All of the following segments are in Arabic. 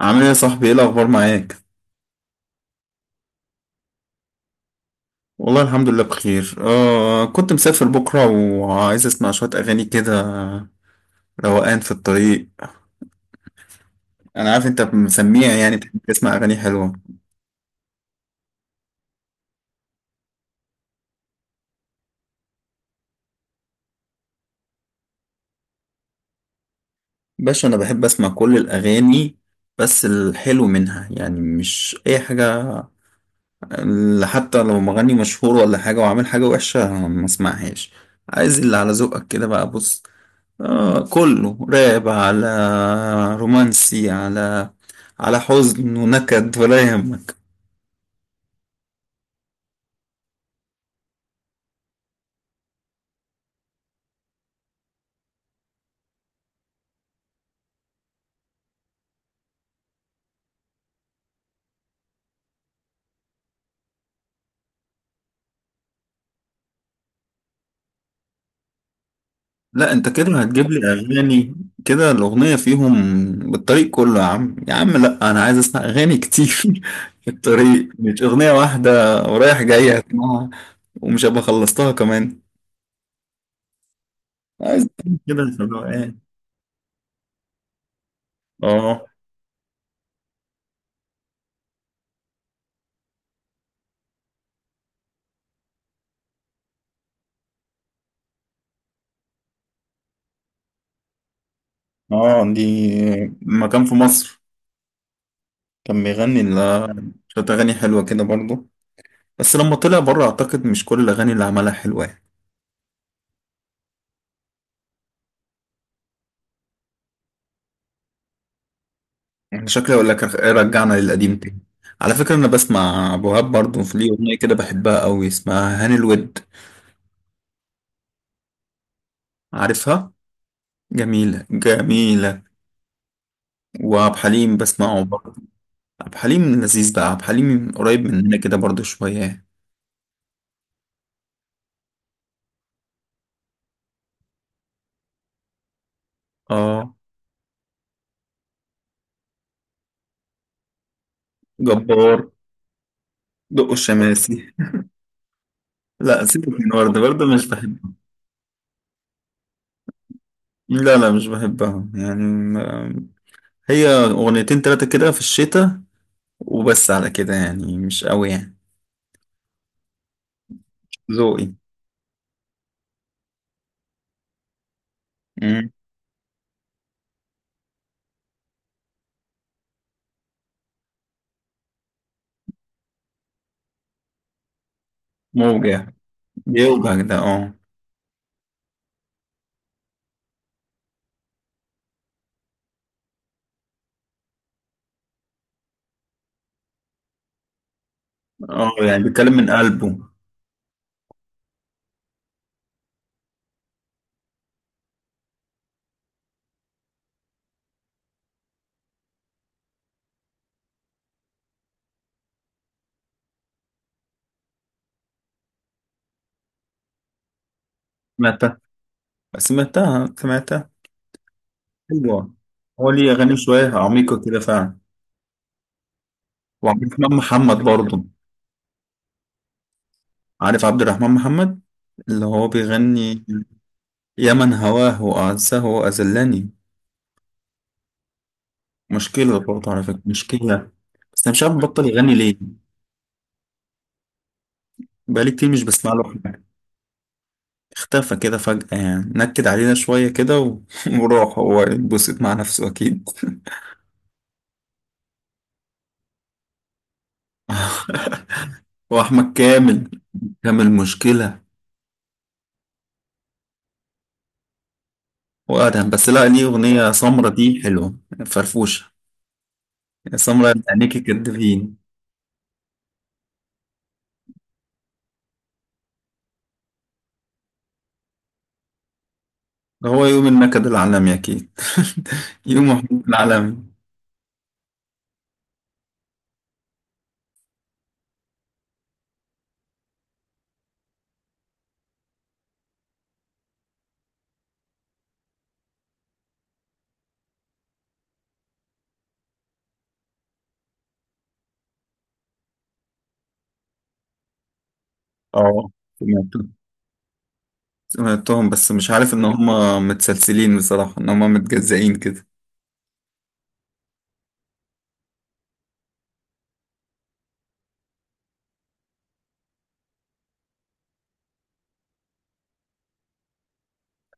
عامل ايه يا صاحبي، ايه الاخبار معاك؟ والله الحمد لله بخير. كنت مسافر بكره وعايز اسمع شويه اغاني كده، روقان في الطريق. انا عارف انت مسميع، يعني بتحب تسمع اغاني حلوه. باشا، انا بحب اسمع كل الاغاني، بس الحلو منها، يعني مش اي حاجه، اللي حتى لو مغني مشهور ولا حاجه وعامل حاجه وحشه ما اسمعهاش. عايز اللي على ذوقك كده بقى، بص. كله راب، على رومانسي، على حزن ونكد ولا يهمك. لا، انت كده هتجيب لي اغاني كده الاغنيه فيهم بالطريق كله، يا عم يا عم، لا انا عايز اسمع اغاني كتير. في الطريق مش اغنيه واحده، ورايح جاي هسمعها، ومش هبقى خلصتها كمان. عايز كده في الروقان. اه، اه، دي لما كان في مصر كان بيغني شويه اغاني حلوه كده برضه، بس لما طلع بره اعتقد مش كل الاغاني اللي عملها حلوه يعني. انا شكلي اقول لك إيه، رجعنا للقديم تاني. على فكرة انا بسمع ابو وهاب برضه، في ليه اغنية كده بحبها قوي اسمها هاني الود، عارفها؟ جميلة جميلة. وعبد الحليم بسمعه برضه. عبد الحليم لذيذ بقى، عبد الحليم قريب مننا كده برضه شوية. اه. جبار. دق الشماسي. لا، سيبك من وردة برضه مش بحبها. لا لا مش بحبها يعني، هي اغنيتين تلاتة كده في الشتاء وبس، على كده يعني مش قوي يعني. ذوقي. مم. موجع. بيوجع ده اه. اه، يعني بيتكلم من قلبه. سمعتها سمعتها سمعتها. حلوة. هو ليه أغاني شوية عميقة كده فعلا. وعبد الرحمن محمد برضه. عارف عبد الرحمن محمد؟ اللي هو بيغني يا من هواه وأعزه وأذلني. مشكلة برضه على فكرة مشكلة. بس أنا مش عارف بطل يغني ليه، بقالي كتير مش بسمع له حاجة. اختفى كده فجأة، يعني نكد علينا شوية كده وراح هو يتبسط مع نفسه أكيد. واحمد كامل. كامل مشكله. وادهم، بس لا ليه اغنيه سمرة دي حلوه، فرفوشه. سمرة عينيكي كدفين. هو يوم النكد العالمي اكيد، يوم الحب العالمي. اه، سمعتهم سمعتهم، بس مش عارف ان هم متسلسلين بصراحه، ان هم متجزئين كده.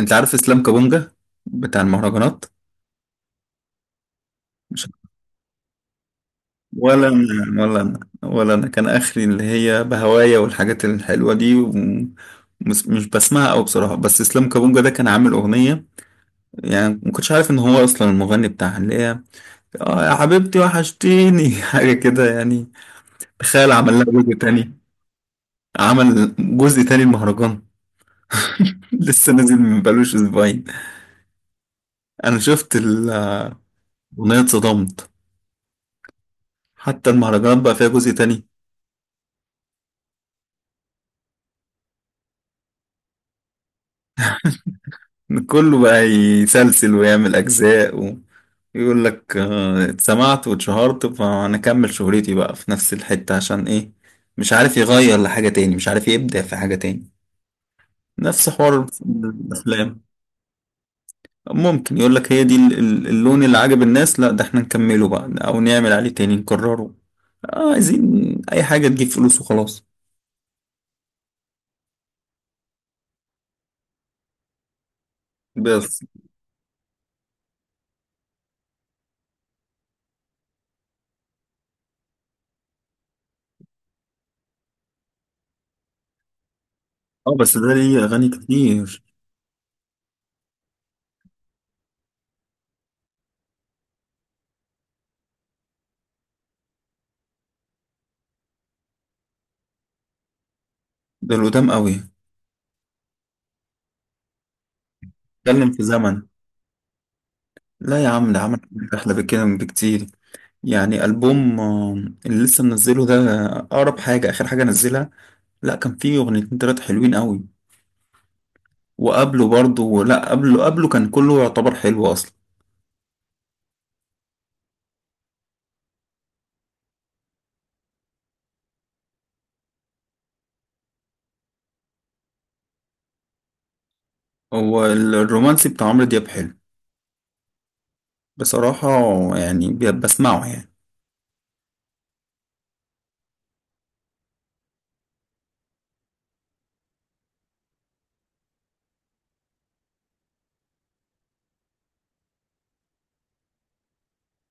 انت عارف اسلام كابونجا بتاع المهرجانات؟ ولا انا ولا انا ولا انا كان اخري اللي هي بهوايا والحاجات الحلوه دي، ومش مش بسمعها قوي بصراحه، بس اسلام كابونجا ده كان عامل اغنيه، يعني ما كنتش عارف ان هو اصلا المغني بتاعها، اللي هي اه يا حبيبتي وحشتيني. حاجه كده يعني. تخيل، عمل لها جزء تاني. عمل جزء تاني المهرجان. لسه نازل من بقالوش اسبوعين، انا شفت الاغنيه اتصدمت. حتى المهرجانات بقى فيها جزء تاني. كله بقى يسلسل ويعمل أجزاء ويقول لك اتسمعت واتشهرت فأنا أكمل شهرتي بقى في نفس الحتة، عشان إيه؟ مش عارف يغير لحاجة تاني، مش عارف يبدع في حاجة تاني. نفس حوار الأفلام. ممكن يقول لك هي دي اللون اللي عجب الناس، لا ده احنا نكمله بقى أو نعمل عليه تاني نكرره. عايزين أي حاجة تجيب فلوس وخلاص. بس اه بس ده ليه أغاني كتير. ده القدام قوي. اتكلم في زمن. لا يا عم، ده عمل حاجات أحلى بكده من بكتير. يعني ألبوم اللي لسه منزله ده، أقرب حاجة، آخر حاجة نزلها. لا كان فيه أغنيتين تلاتة حلوين قوي. وقبله برضه، لا قبله قبله كان كله يعتبر حلو أصلا. هو الرومانسي بتاع عمرو دياب حلو بصراحة، يعني بسمعه يعني.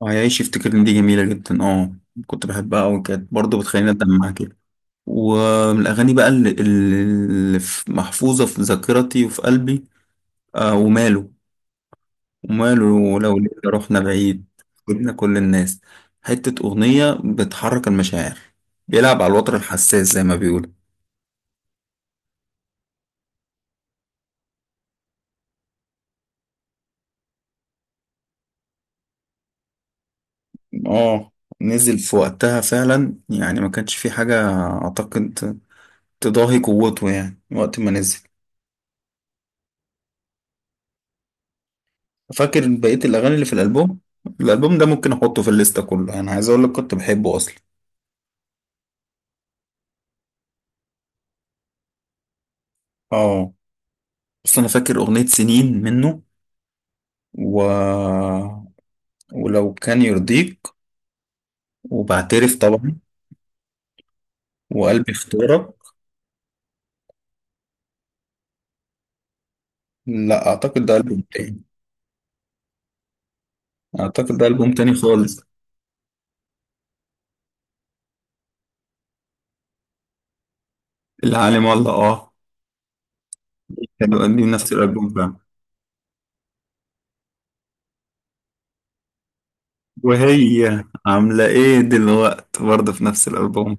وهيعيش يفتكرني دي جميلة جدا اه. كنت بحبها أوي، كانت برضه بتخليني أدمع كده. ومن الأغاني بقى اللي محفوظة في ذاكرتي وفي قلبي. آه وماله، وماله لو ليلة رحنا بعيد، جبنا كل الناس. حتة أغنية بتحرك المشاعر، بيلعب على الوتر الحساس زي ما بيقولوا. اه، نزل في وقتها فعلا يعني، ما كانش في حاجة أعتقد تضاهي قوته يعني وقت ما نزل. فاكر بقية الأغاني اللي في الألبوم؟ الألبوم ده ممكن أحطه في الليستة كله، أنا عايز أقول لك كنت بحبه أصلا. اه، بس أنا فاكر أغنية سنين منه، و... ولو كان يرضيك، وبعترف طبعا، وقلبي اختارك. لا اعتقد ده البوم تاني. اعتقد ده البوم تاني خالص. العالم والله اه. كانوا دي نفس الالبوم فعلا. وهي عامله ايه دلوقت برضه في نفس الالبوم.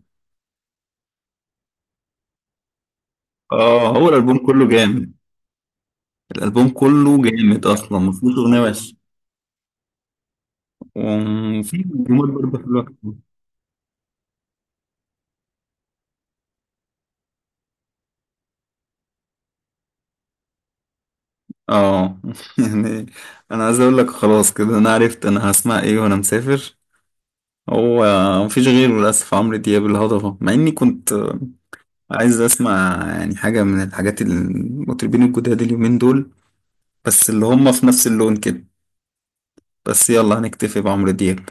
اه، هو الالبوم كله جامد، الالبوم كله جامد اصلا ما فيهوش اغنيه وحشه. وفي الجمهور برضه حلوه كتير. اه، يعني انا عايز اقول لك خلاص كده، انا عرفت انا هسمع ايه وانا مسافر. هو مفيش غيره للاسف، عمرو دياب الهضبه، مع اني كنت عايز اسمع يعني حاجة من الحاجات المطربين الجداد اليومين دول، بس اللي هم في نفس اللون كده، بس يلا هنكتفي بعمرو دياب.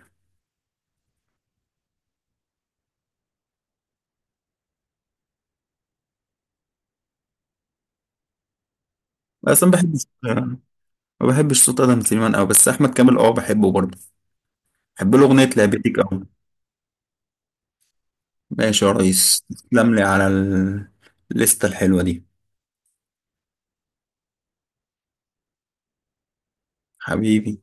بس ما بحبش صوت ادم سليمان قوي، بس احمد كامل اه بحبه برضه، بحب له اغنية لعبتك قوي. ماشي يا ريس، تسلم لي على الليستة الحلوة دي. حبيبي.